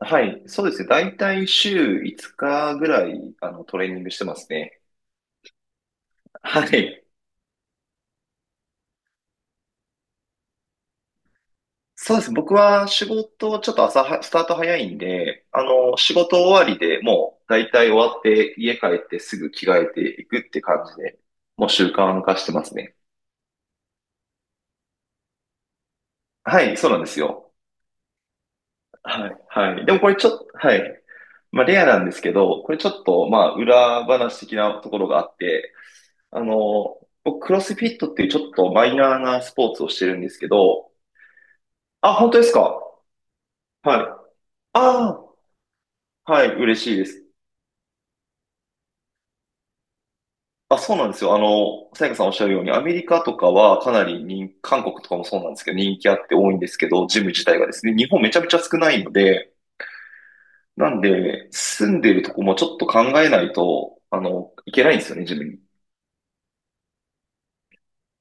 はい、そうですね。だいたい週5日ぐらい、トレーニングしてますね。はい。そうです。僕は仕事、ちょっと朝は、スタート早いんで、仕事終わりでもう、だいたい終わって、家帰ってすぐ着替えていくって感じで、もう習慣化してますね。はい、そうなんですよ。はい、はい。でもこれちょっと、はい。まあ、レアなんですけど、これちょっと、まあ、裏話的なところがあって、僕、クロスフィットっていうちょっとマイナーなスポーツをしてるんですけど、あ、本当ですか？はい。ああ、はい、嬉しいです。あ、そうなんですよ。さやかさんおっしゃるように、アメリカとかはかなり人、韓国とかもそうなんですけど、人気あって多いんですけど、ジム自体がですね、日本めちゃめちゃ少ないので、なんで、住んでるとこもちょっと考えないと、いけないんですよね、ジムに。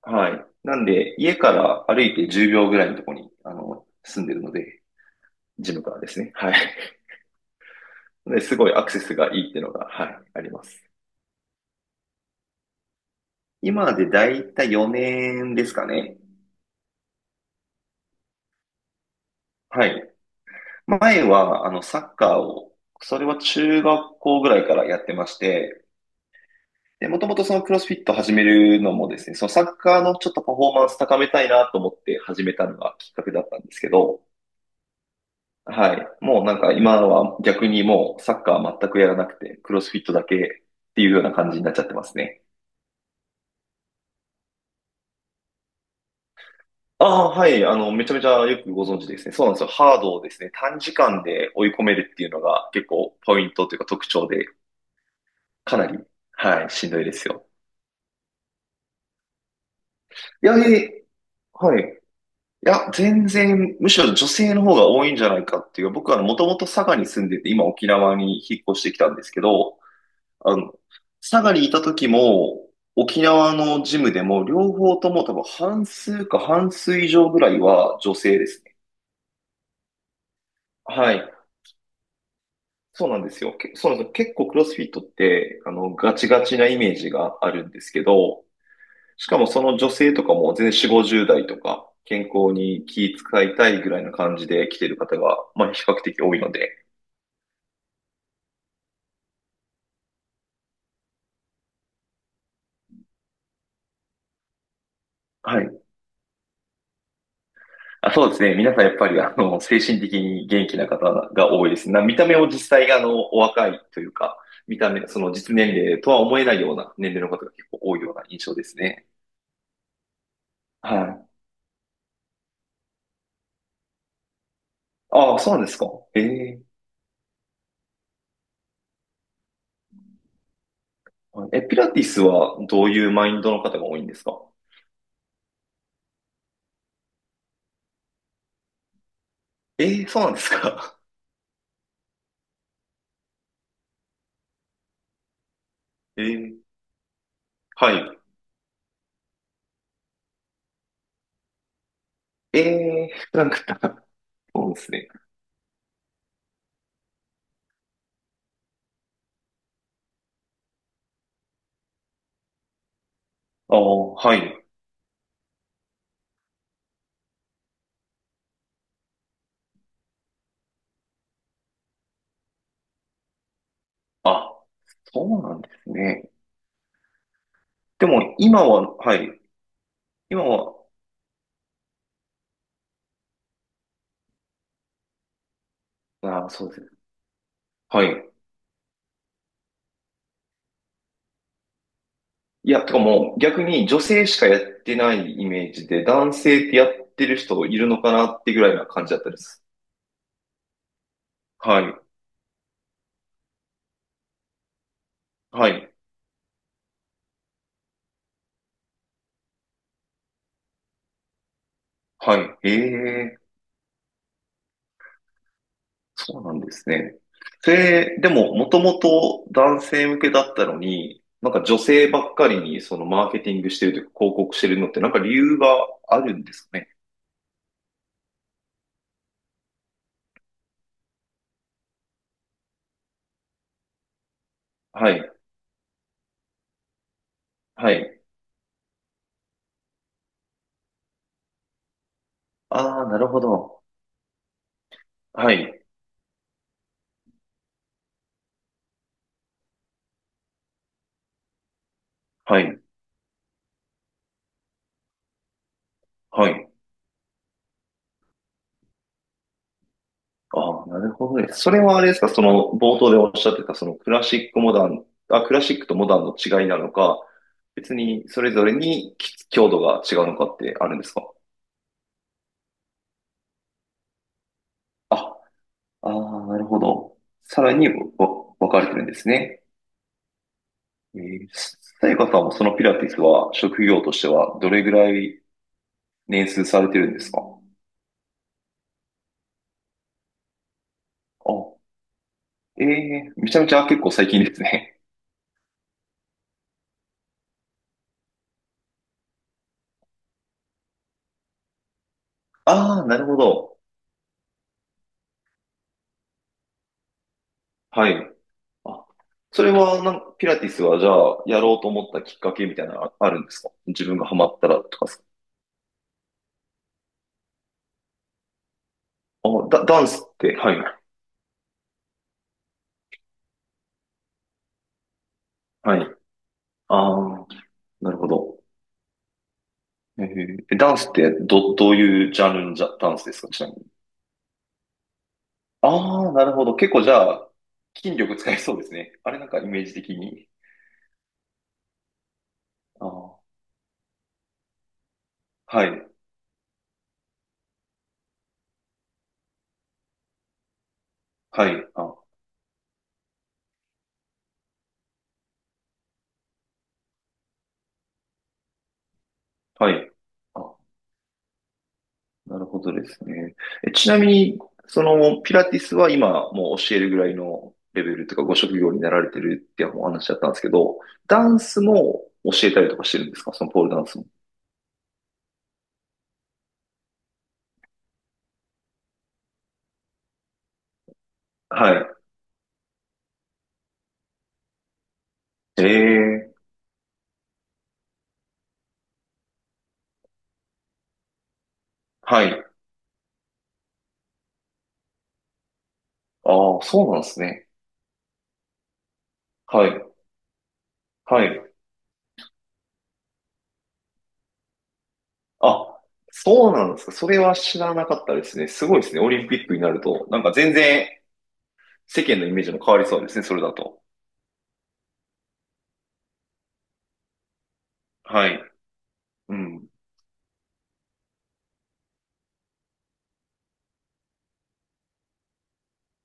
はい。なんで、家から歩いて10秒ぐらいのとこに、住んでるので、ジムからですね。はい。で、すごいアクセスがいいっていうのが、はい、あります。今でだいたい4年ですかね。はい。前は、サッカーを、それは中学校ぐらいからやってまして、で、もともとそのクロスフィット始めるのもですね、そのサッカーのちょっとパフォーマンス高めたいなと思って始めたのがきっかけだったんですけど、はい。もうなんか今は逆にもうサッカー全くやらなくて、クロスフィットだけっていうような感じになっちゃってますね。ああ、はい。めちゃめちゃよくご存知ですね。そうなんですよ。ハードをですね、短時間で追い込めるっていうのが結構ポイントというか特徴で、かなり、はい、しんどいですよ。いや、はい。いや、全然、むしろ女性の方が多いんじゃないかっていう。僕はもともと佐賀に住んでて、今沖縄に引っ越してきたんですけど、あの、佐賀にいた時も、沖縄のジムでも、両方とも多分半数か半数以上ぐらいは女性ですね。はい。そうなんですよ。そうなんですよ。結構クロスフィットって、ガチガチなイメージがあるんですけど、しかもその女性とかも全然4、50代とか、健康に気使いたいぐらいな感じで来てる方が、まあ比較的多いので、はい。あ、そうですね。皆さんやっぱり、精神的に元気な方が多いですね。見た目を実際、お若いというか、見た目、その実年齢とは思えないような年齢の方が結構多いような印象ですね。はい。ああ、そうなんですか。ええ。え、ピラティスはどういうマインドの方が多いんですか？ええ、そうなんですか。ええ、はい。ええ、なんか、そうですね。ああ、はい。あ、そうなんですね。でも今は、はい。今は、ああ、そうですね。はい。いや、とかもう逆に女性しかやってないイメージで、男性ってやってる人いるのかなってぐらいな感じだったです。はい。はい。はい。ええ、そうなんですね。それ、でも、もともと男性向けだったのに、なんか女性ばっかりにそのマーケティングしてるというか広告してるのってなんか理由があるんですかね。はい。はい。ああ、なるほど。はい、はい、はい。ああ、なるほどです。それはあれですか、その冒頭でおっしゃってた、そのクラシックモダン、あ、クラシックとモダンの違いなのか、別にそれぞれに強度が違うのかってあるんですか？あ、ああ、なるほど。さらに分かれてるんですね。えー、さやかさんもそのピラティスは職業としてはどれぐらい年数されてるんですか？あ、ええーめちゃめちゃ結構最近ですね。ああ、なるほど。はい。あ、それはなんか、ピラティスはじゃあ、やろうと思ったきっかけみたいなのあるんですか？自分がハマったらとかさ。あ、ダンスって、はい、はい。ああ、なるほど。えーえダンスってどういうジャンルのダンスですか？ちなみに。ああ、なるほど。結構じゃあ、筋力使いそうですね。あれなんかイメージ的に。ああ、はい、はい、あ、はい。あ、なるほどですね。え、ちなみに、その、ピラティスは今、もう教えるぐらいのレベルというか、ご職業になられてるってお話だったんですけど、ダンスも教えたりとかしてるんですか？そのポールダンスも。はい。ええ、はい。ああ、そうなんですね。はい。はい。あ、そうなんですか。それは知らなかったですね。すごいですね。オリンピックになると。なんか全然世間のイメージも変わりそうですね。それだと。はい。うん。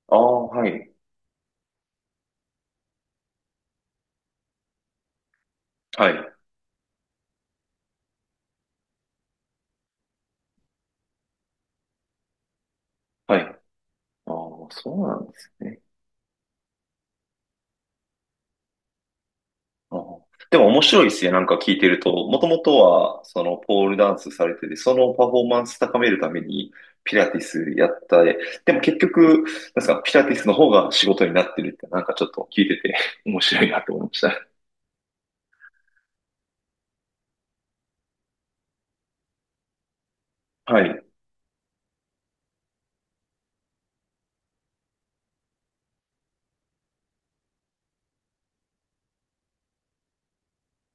ああ、はい。はい。はい。ああ、そうなんですね。あ、でも面白いですね。なんか聞いてると、もともとは、その、ポールダンスされてて、そのパフォーマンス高めるために、ピラティスやったで、でも結局、なんですか、ピラティスの方が仕事になってるって、なんかちょっと聞いてて 面白いなと思いました。はい。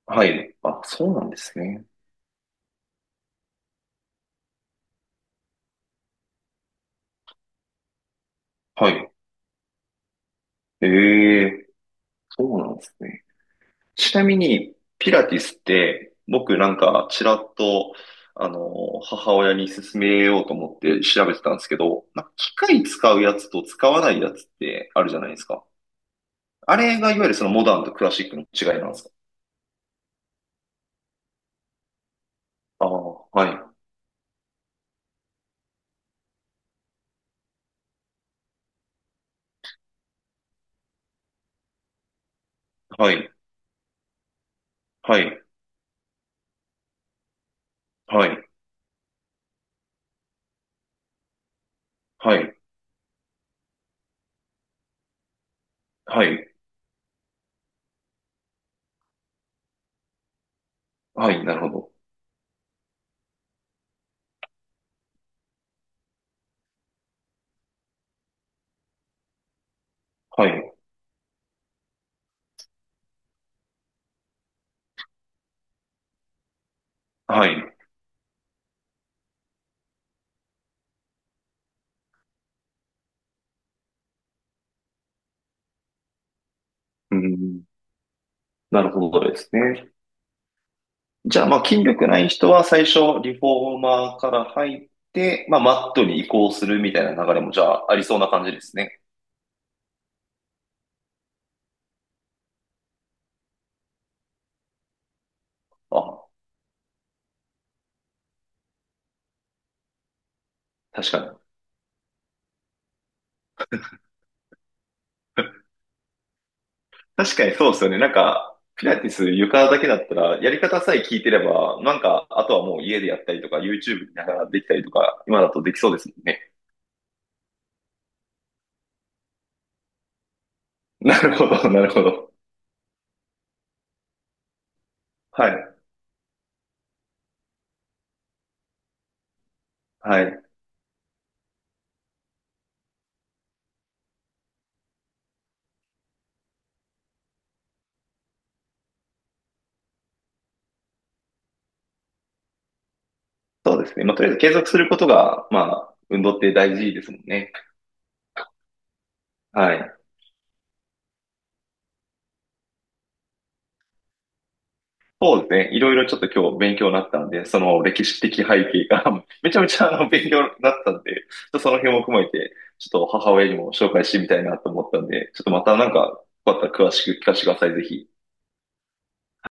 はい。あ、そうなんですね。はい。ええ、そうなんですね。ちなみに、ピラティスって、僕なんか、ちらっと、母親に勧めようと思って調べてたんですけど、まあ、機械使うやつと使わないやつってあるじゃないですか。あれがいわゆるそのモダンとクラシックの違いなんですか？ああ、はい、はい、はい、はい、はい、はい、はい、なるほど。はい、はい。うん、なるほどですね。じゃあ、まあ、筋力ない人は最初、リフォーマーから入って、まあ、マットに移行するみたいな流れも、じゃあ、ありそうな感じですね。あ、確かに。確かにそうですよね。なんか、ピラティス床だけだったら、やり方さえ聞いてれば、なんか、あとはもう家でやったりとか、YouTube 見ながらできたりとか、今だとできそうですもんね。なるほど、なるほど。はい、はい。そうですね。まあ、とりあえず継続することが、まあ、運動って大事ですもんね。はい。そうですね。いろいろちょっと今日勉強になったんで、その歴史的背景が めちゃめちゃ勉強になったんで、ちょっとその辺も踏まえて、ちょっと母親にも紹介してみたいなと思ったんで、ちょっとまたなんか、よかったら詳しく聞かせてください、ぜひ。